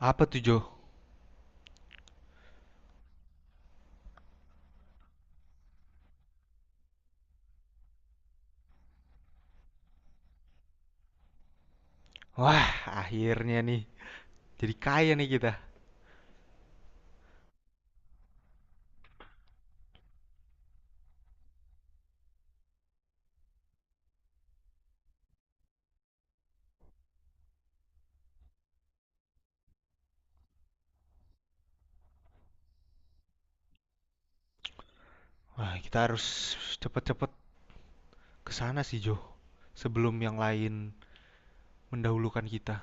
Apa tuh Jo? Wah, akhirnya nih. Jadi kaya nih kita. Wah, kita harus cepet-cepet kesana sih Jo. Sebelum yang lain mendahulukan kita.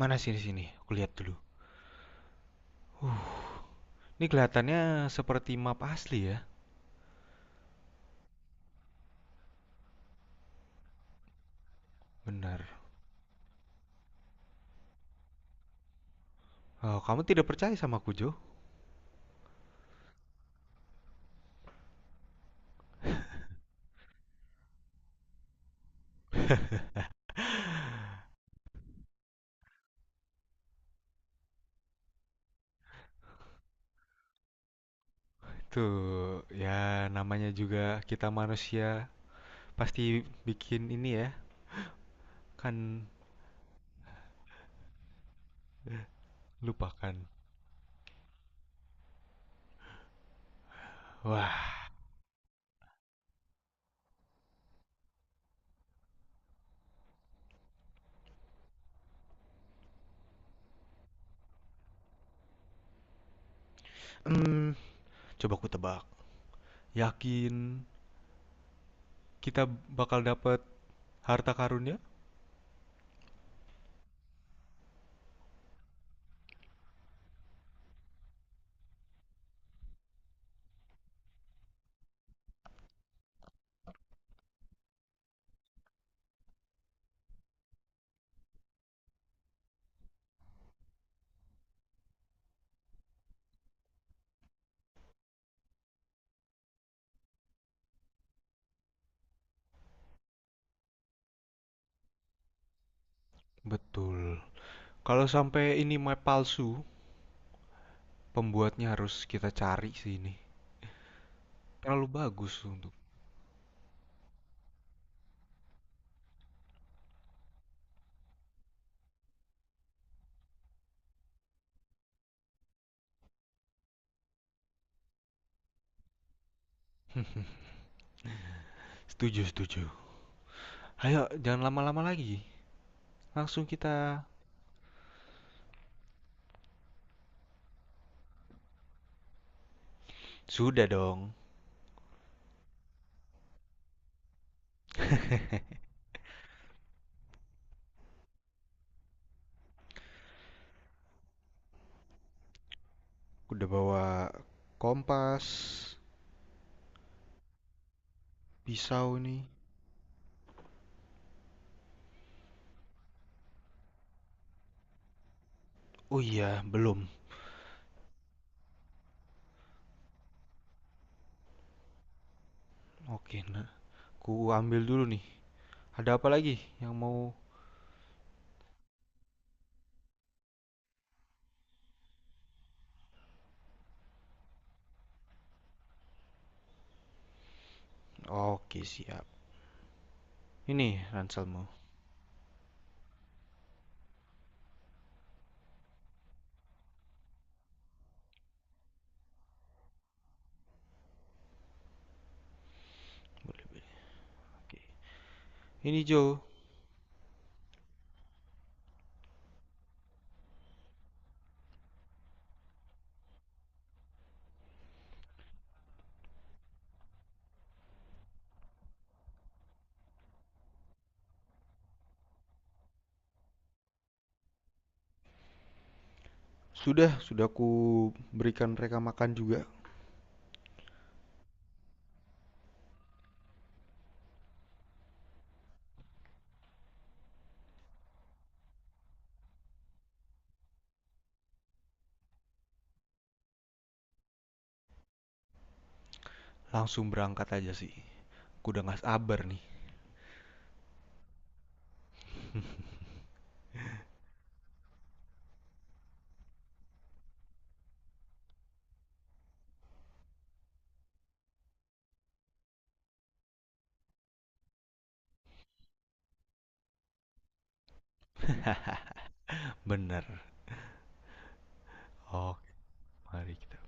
Mana sini sini? Aku lihat dulu. Ini kelihatannya seperti map asli ya. Benar. Oh, kamu tidak percaya sama aku Jo? Tuh, ya namanya juga kita manusia pasti bikin ini ya. Kan lupakan. Wah, hmm, coba aku tebak. Yakin kita bakal dapat harta karunnya? Betul. Kalau sampai ini map palsu, pembuatnya harus kita cari sih ini. Terlalu bagus untuk. Setuju, setuju. Ayo, jangan lama-lama lagi. Langsung kita. Sudah dong. Udah bawa kompas, pisau nih. Oh iya, belum. Oke, nah. Ku ambil dulu nih. Ada apa lagi yang mau? Oke, siap. Ini ranselmu. Oke. Ini Joe. Sudah ku berikan mereka makan juga. Langsung berangkat aja sih. Aku udah nggak sabar nih. Bener. Oke, mari kita.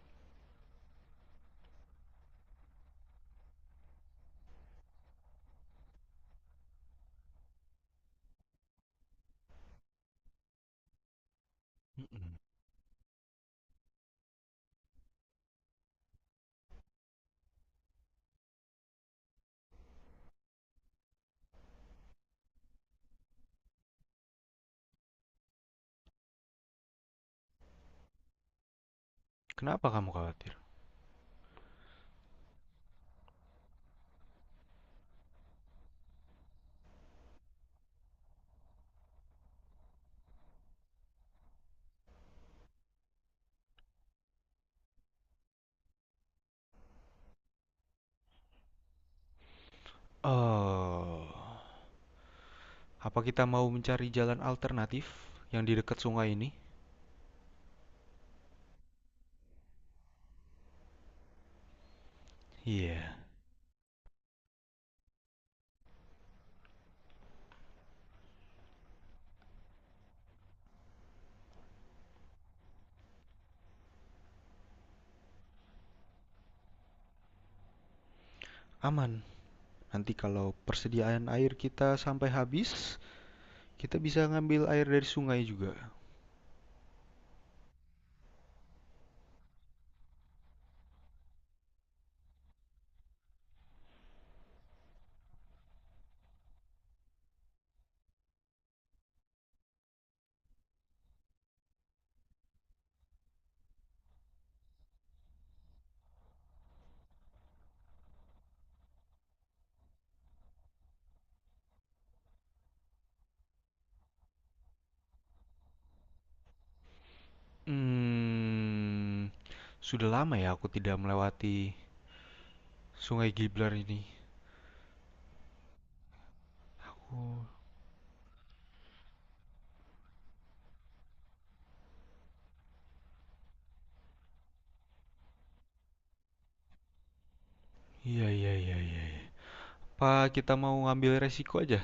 Kenapa kamu khawatir? Oh, apa kita mau mencari jalan alternatif yang di dekat sungai ini? Iya, yeah, aman. Nanti kalau persediaan air kita sampai habis, kita bisa ngambil air dari sungai juga. Hmm, sudah lama ya aku tidak melewati Sungai Giblar ini. Oh, iya iya iya iya. Apa kita mau ngambil resiko aja?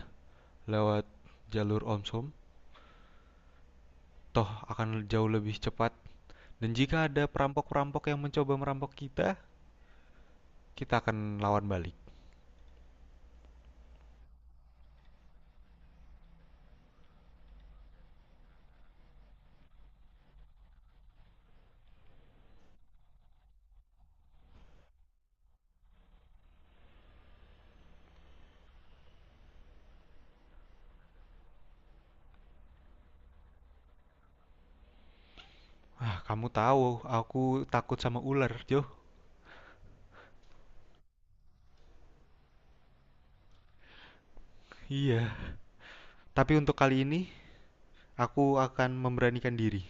Lewat jalur Omsom, toh akan jauh lebih cepat. Dan jika ada perampok-perampok yang mencoba merampok kita, kita akan lawan balik. Ah, kamu tahu, aku takut sama ular, Jo. Iya. Tapi untuk kali ini, aku akan memberanikan diri.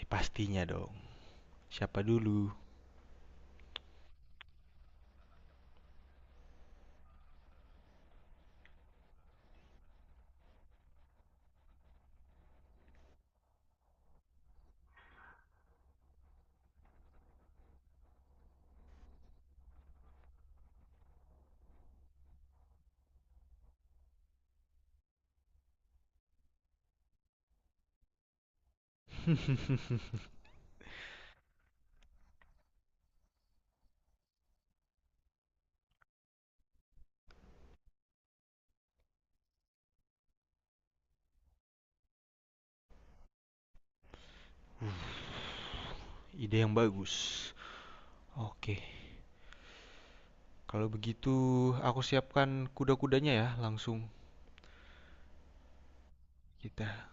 Pastinya dong. Siapa dulu? Ide yang bagus. Oke. Kalau begitu, aku siapkan kuda-kudanya ya, langsung kita.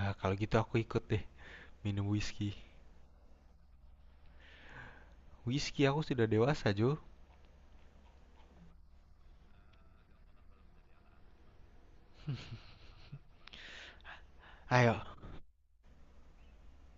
Ah, kalau gitu aku ikut deh, minum whisky. Whisky aku sudah dewasa, Jo. Ayo,